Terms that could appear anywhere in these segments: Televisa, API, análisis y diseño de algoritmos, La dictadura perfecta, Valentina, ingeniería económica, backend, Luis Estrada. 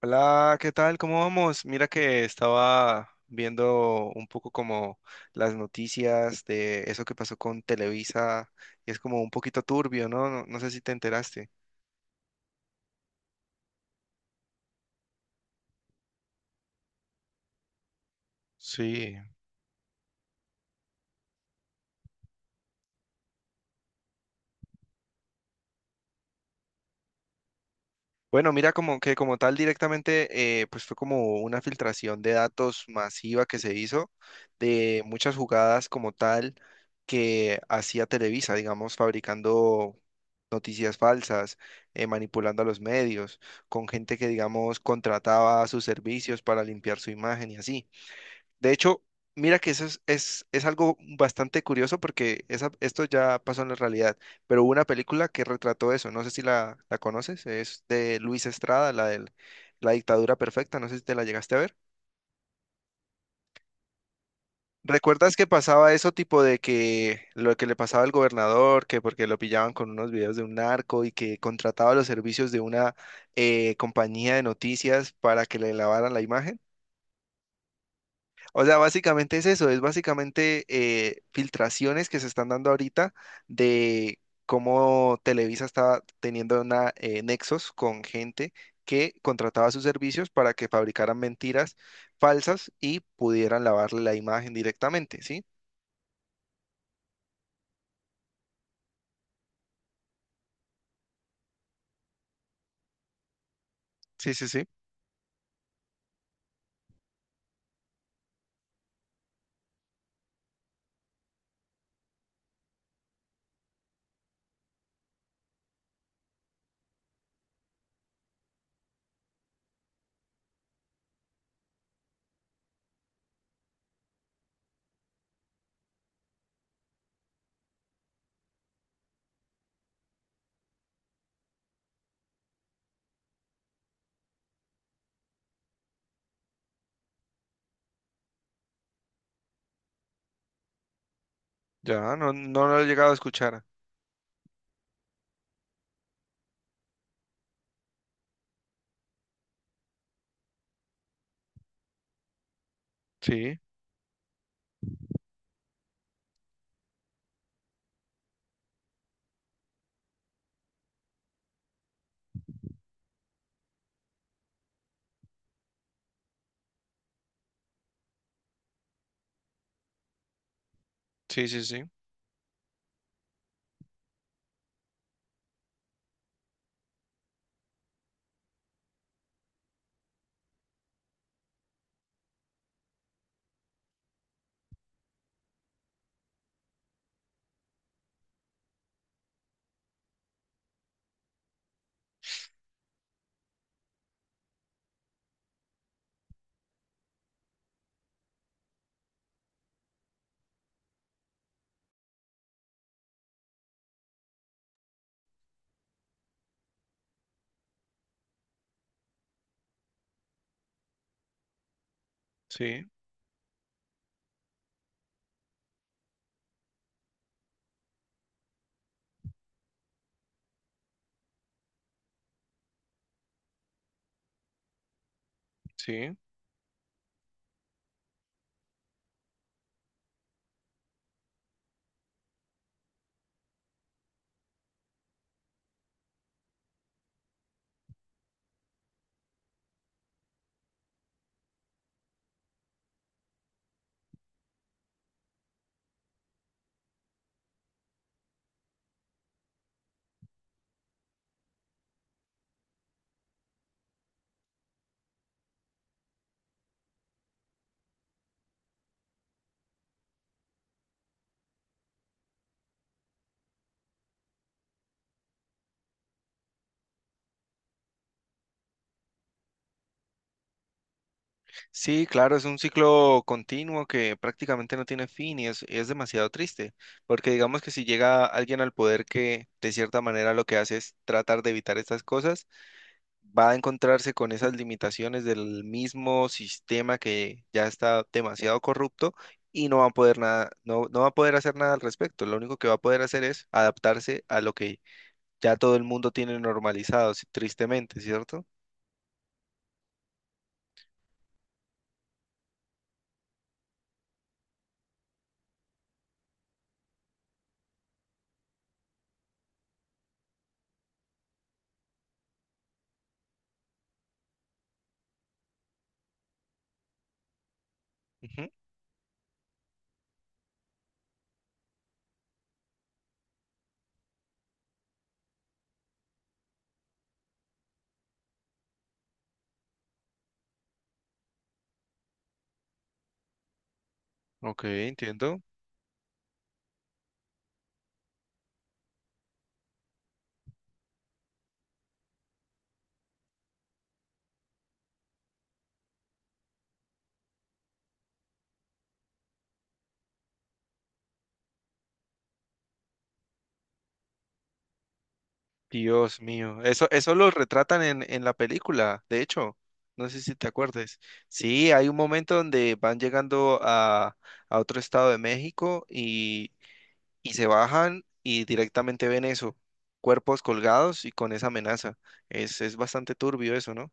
Hola, ¿qué tal? ¿Cómo vamos? Mira que estaba viendo un poco como las noticias de eso que pasó con Televisa y es como un poquito turbio, ¿no? No sé si te enteraste. Sí. Bueno, mira, como que como tal directamente, pues fue como una filtración de datos masiva que se hizo de muchas jugadas como tal que hacía Televisa, digamos, fabricando noticias falsas, manipulando a los medios, con gente que, digamos, contrataba sus servicios para limpiar su imagen y así. De hecho, mira que eso es algo bastante curioso porque esa, esto ya pasó en la realidad, pero hubo una película que retrató eso, no sé si la conoces, es de Luis Estrada, la de La dictadura perfecta, no sé si te la llegaste a ver. ¿Recuerdas que pasaba eso tipo de que lo que le pasaba al gobernador, que porque lo pillaban con unos videos de un narco y que contrataba los servicios de una compañía de noticias para que le lavaran la imagen? O sea, básicamente es eso, es básicamente filtraciones que se están dando ahorita de cómo Televisa está teniendo una, nexos con gente que contrataba sus servicios para que fabricaran mentiras falsas y pudieran lavarle la imagen directamente, ¿sí? Sí, sí, sí. Ya, no lo he llegado a escuchar. Sí, sí, sí, sí, sí, sí. Sí, claro, es un ciclo continuo que prácticamente no tiene fin y es demasiado triste, porque digamos que si llega alguien al poder que de cierta manera lo que hace es tratar de evitar estas cosas, va a encontrarse con esas limitaciones del mismo sistema que ya está demasiado corrupto y no va a poder nada, no va a poder hacer nada al respecto. Lo único que va a poder hacer es adaptarse a lo que ya todo el mundo tiene normalizado, sí, tristemente, ¿cierto? Ujú. Ok, entiendo. Dios mío, eso lo retratan en la película, de hecho, no sé si te acuerdes. Sí, hay un momento donde van llegando a otro estado de México y se bajan y directamente ven eso, cuerpos colgados y con esa amenaza. Es bastante turbio eso, ¿no?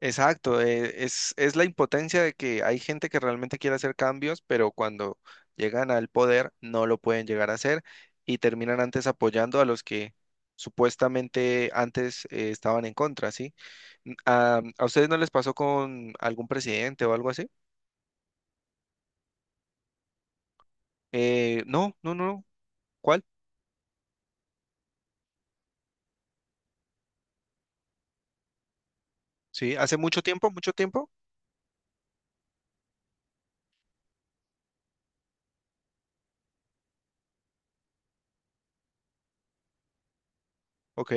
Exacto, es la impotencia de que hay gente que realmente quiere hacer cambios, pero cuando llegan al poder no lo pueden llegar a hacer y terminan antes apoyando a los que supuestamente antes estaban en contra, ¿sí? A ustedes no les pasó con algún presidente o algo así? Eh, no. ¿Cuál? Sí, hace mucho tiempo, mucho tiempo. Ok,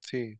sí.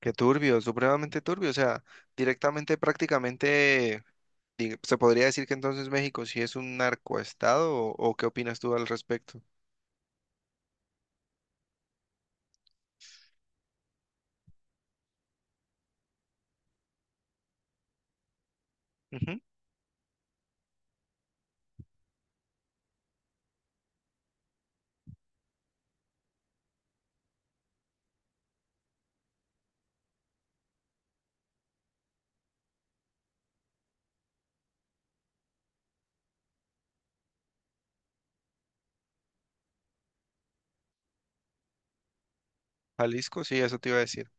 Qué turbio, supremamente turbio. O sea, directamente, prácticamente, se podría decir que entonces México sí es un narcoestado o qué opinas tú al respecto. Ujú. Jalisco, sí, eso te iba a decir.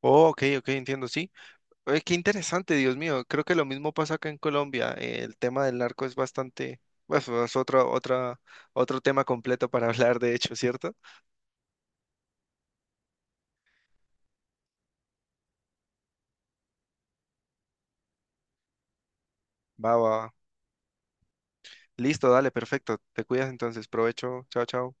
Oh, ok, ok, entiendo, sí. Oye, qué interesante, Dios mío. Creo que lo mismo pasa acá en Colombia. El tema del narco es bastante, bueno, es otro, otra, otro tema completo para hablar, de hecho, ¿cierto? Va, va, va. Listo, dale, perfecto. Te cuidas entonces. Provecho. Chao, chao.